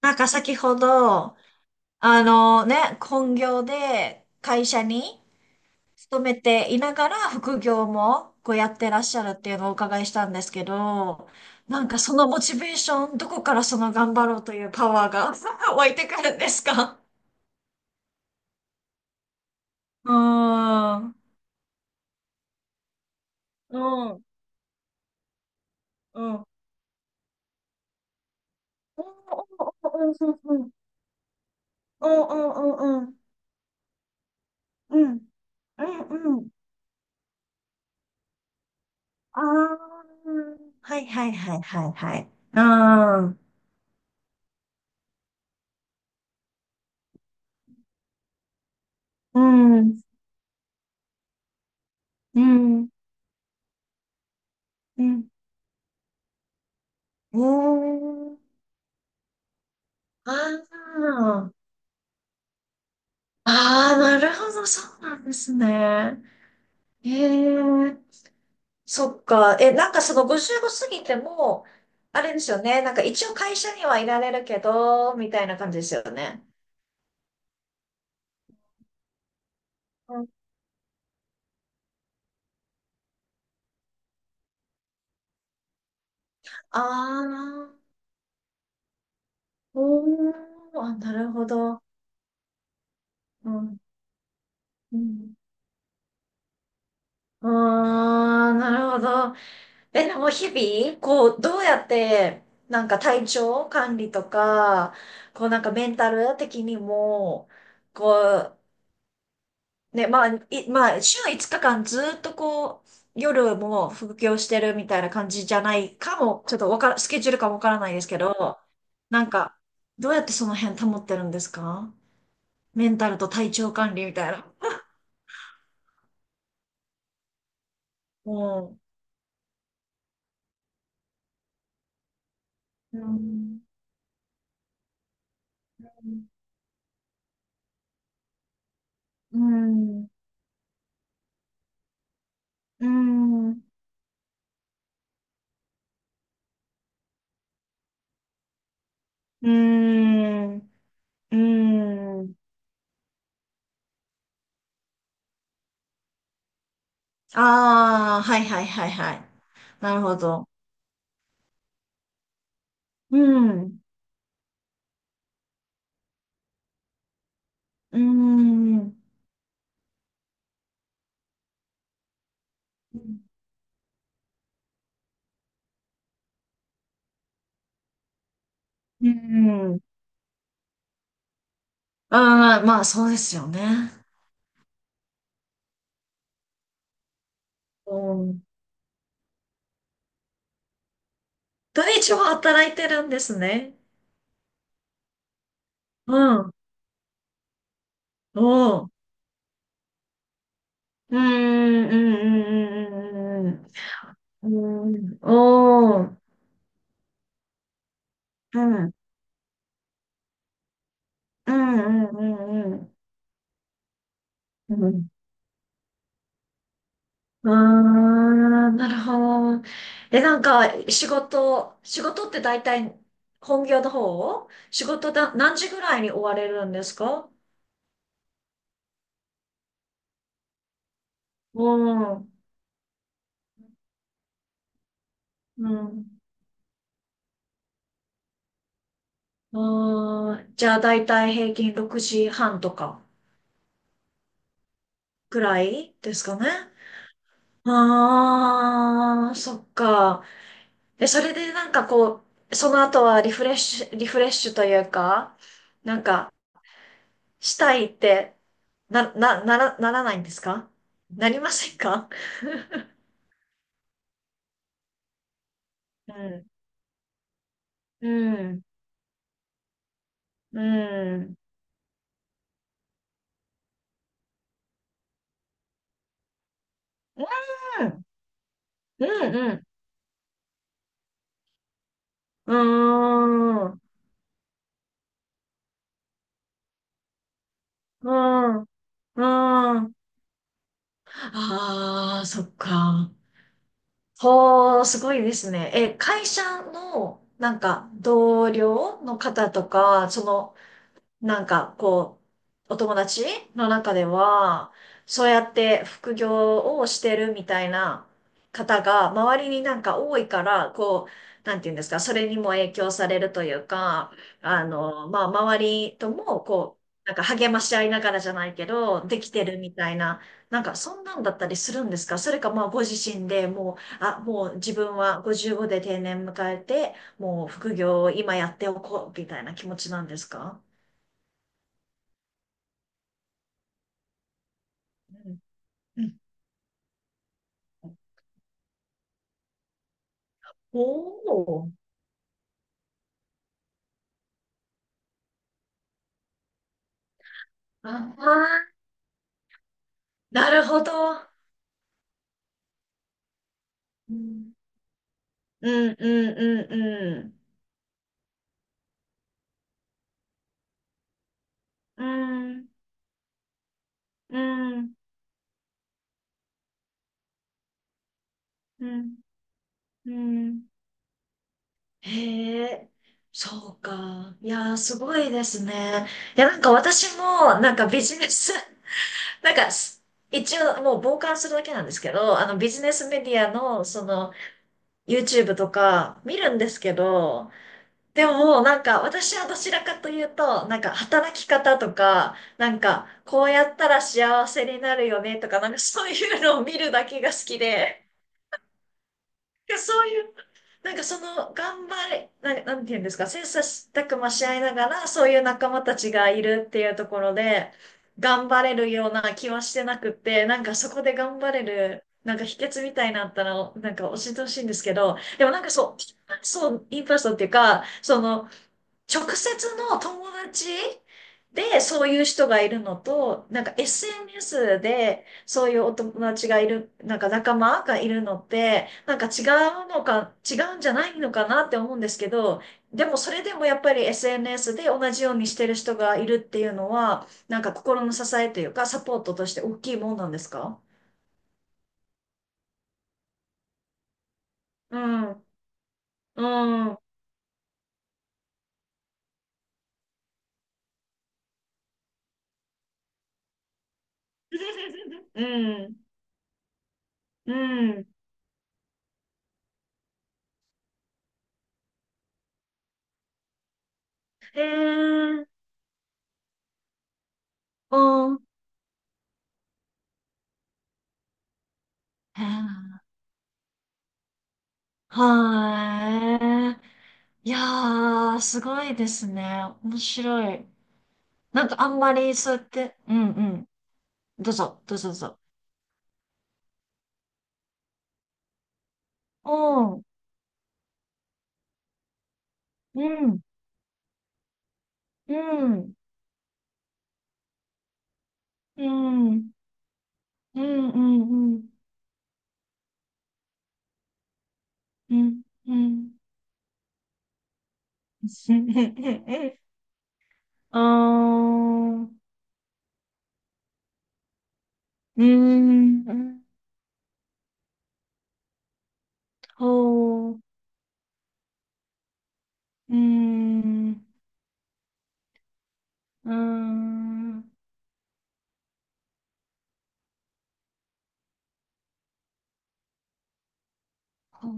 なんか先ほど、あのね、本業で会社に勤めていながら副業もこうやってらっしゃるっていうのをお伺いしたんですけど、なんかそのモチベーション、どこからその頑張ろうというパワーが 湧いてくるんですか？うーん。うん。うん。うん。うん。うん。うん。うんうん。ああ、はいはいはいはいはい。うん。うん。うん、うん。おー、あー、あー、なるほど、そうなんですね。へえ、そっか。え、なんかその55過ぎても、あれですよね。なんか一応会社にはいられるけど、みたいな感じですよね。うん、ああ、おー、あ、なるほど。うん、うん。ああ、なるほど。え、でも日々、こう、どうやって、なんか体調管理とか、こうなんかメンタル的にも、こう、ね、まあ、週5日間ずっとこう、夜も副業してるみたいな感じじゃないかも、ちょっとわから、スケジュールかもわからないですけど、なんか、どうやってその辺保ってるんですか？メンタルと体調管理みたいな。うん。うん。うん。うん。うん。うーん。ああ、はいはいはいはい。なるほど。うん。うーん。うん。うん。ああ、まあそうですよね。うん。土日は働いてるんですね。うん。おう。うーん、うん、うん、うん、うん。うん。うん。おー。うん。うん、うん、うん、うん。うん、あー、なるほど。え、なんか、仕事って大体、本業の方仕事だ、何時ぐらいに終われるんですか？うん。うん。あー、じゃあ大体平均6時半とかぐらいですかね。ああ、そっか。え、それでなんかこう、その後はリフレッシュ、リフレッシュというか、なんか、したいって、ならないんですか？なりませんか？うん。うん。うん。うん。うん。うん。うーん。うーん。うーん。ああ、そっか。ほー、すごいですね。え、会社の、なんか、同僚の方とか、その、なんか、こう、お友達の中では、そうやって副業をしてるみたいな方が、周りになんか多いから、こう、なんていうんですか、それにも影響されるというか、あの、まあ、周りとも、こう、なんか励まし合いながらじゃないけど、できてるみたいな、なんかそんなんだったりするんですか？それかまあご自身でもう、あ、もう自分は55で定年迎えて、もう副業を今やっておこうみたいな気持ちなんですか？うんうん。おお。ああ、なるほど。うん、うん、うん、うん。うん、うん、うん、うん。へえ、そうか。いやー、すごいですね。いや、なんか私も、なんかビジネス、なんかす、一応もう傍観するだけなんですけど、あのビジネスメディアの、その、YouTube とか見るんですけど、でも、なんか、私はどちらかというと、なんか、働き方とか、なんか、こうやったら幸せになるよねとか、なんか、そういうのを見るだけが好きで、なんかそういう、なんか、その、頑張れ、なんなんていうんですか、切磋琢磨し合いながら、そういう仲間たちがいるっていうところで、頑張れるような気はしてなくって、なんか、そこで頑張れる、なんか、秘訣みたいなのあったら、なんか、教えてほしいんですけど、でもなんかそう、インパーソンっていうか、その、直接の友達でそういう人がいるのと、なんか SNS でそういうお友達がいる、なんか仲間がいるのって、なんか違うのか、違うんじゃないのかなって思うんですけど、でもそれでもやっぱり SNS で同じようにしてる人がいるっていうのは、なんか心の支えというかサポートとして大きいもんなんですか？うん、うん、うん、うん。へえ、うん。へえ、はーい。いやー、すごいですね。面白い。なんかあんまりそうやって、うんうん。どうぞ、どうぞどうぞ。うん、うん、うん、うん、うん、うん、うん、うん、うん。あー、うーん、ほう、うーん、うーん、ほう、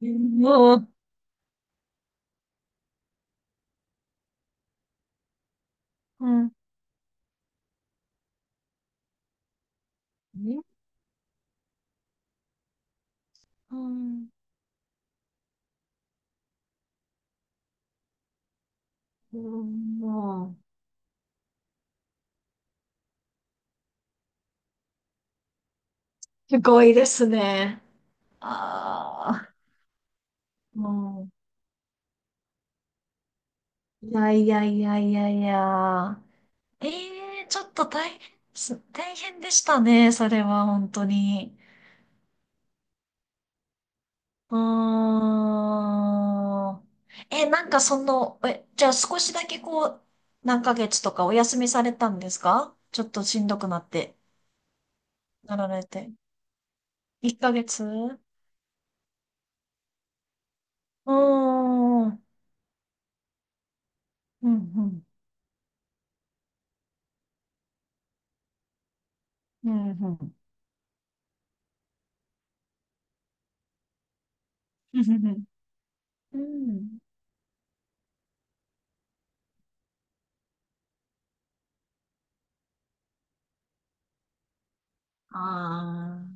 うん、うん、うん、うん、うん、すごいですね。ああ、もういやいやいやいやいや。ええ、ちょっと大変す、大変でしたね、それは、本当に。うーん。え、なんかその、え、じゃあ少しだけこう、何ヶ月とかお休みされたんですか？ちょっとしんどくなって、なられて。1ヶ月、うーん。うん、うん。うん、うん。うん、うん。うん。ああ。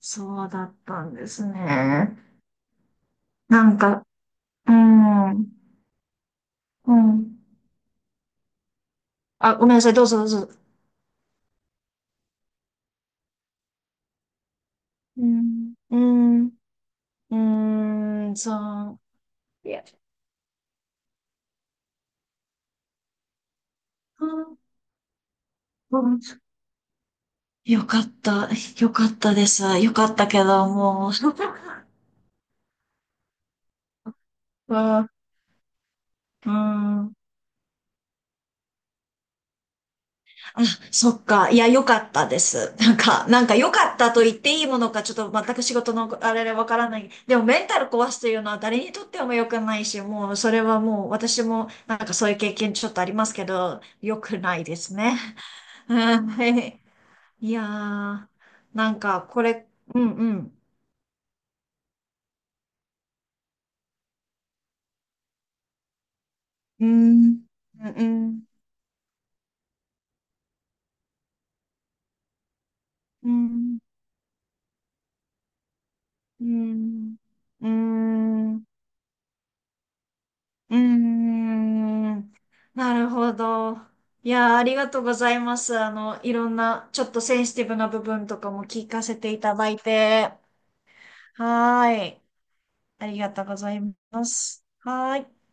そうだったんですね。なんか、うーん、うん。あ、ごめんなさい、どうぞどうぞ。うーん、うーん、うーん、そう。いや、うん、よかった、よかったです。よかったけど、もう。うん、うん、あ、そっか。いや、良かったです。なんか、なんか良かったと言っていいものか、ちょっと全く仕事のあれでわからない。でも、メンタル壊すというのは誰にとっても良くないし、もう、それはもう、私も、なんかそういう経験ちょっとありますけど、良くないですね。うん、はい。いやー、なんか、これ、うん、うん。うん、うん、うん、うん、うん、うん。うーん、なるほど。いやー、ありがとうございます。あの、いろんな、ちょっとセンシティブな部分とかも聞かせていただいて。はーい。ありがとうございます。はーい。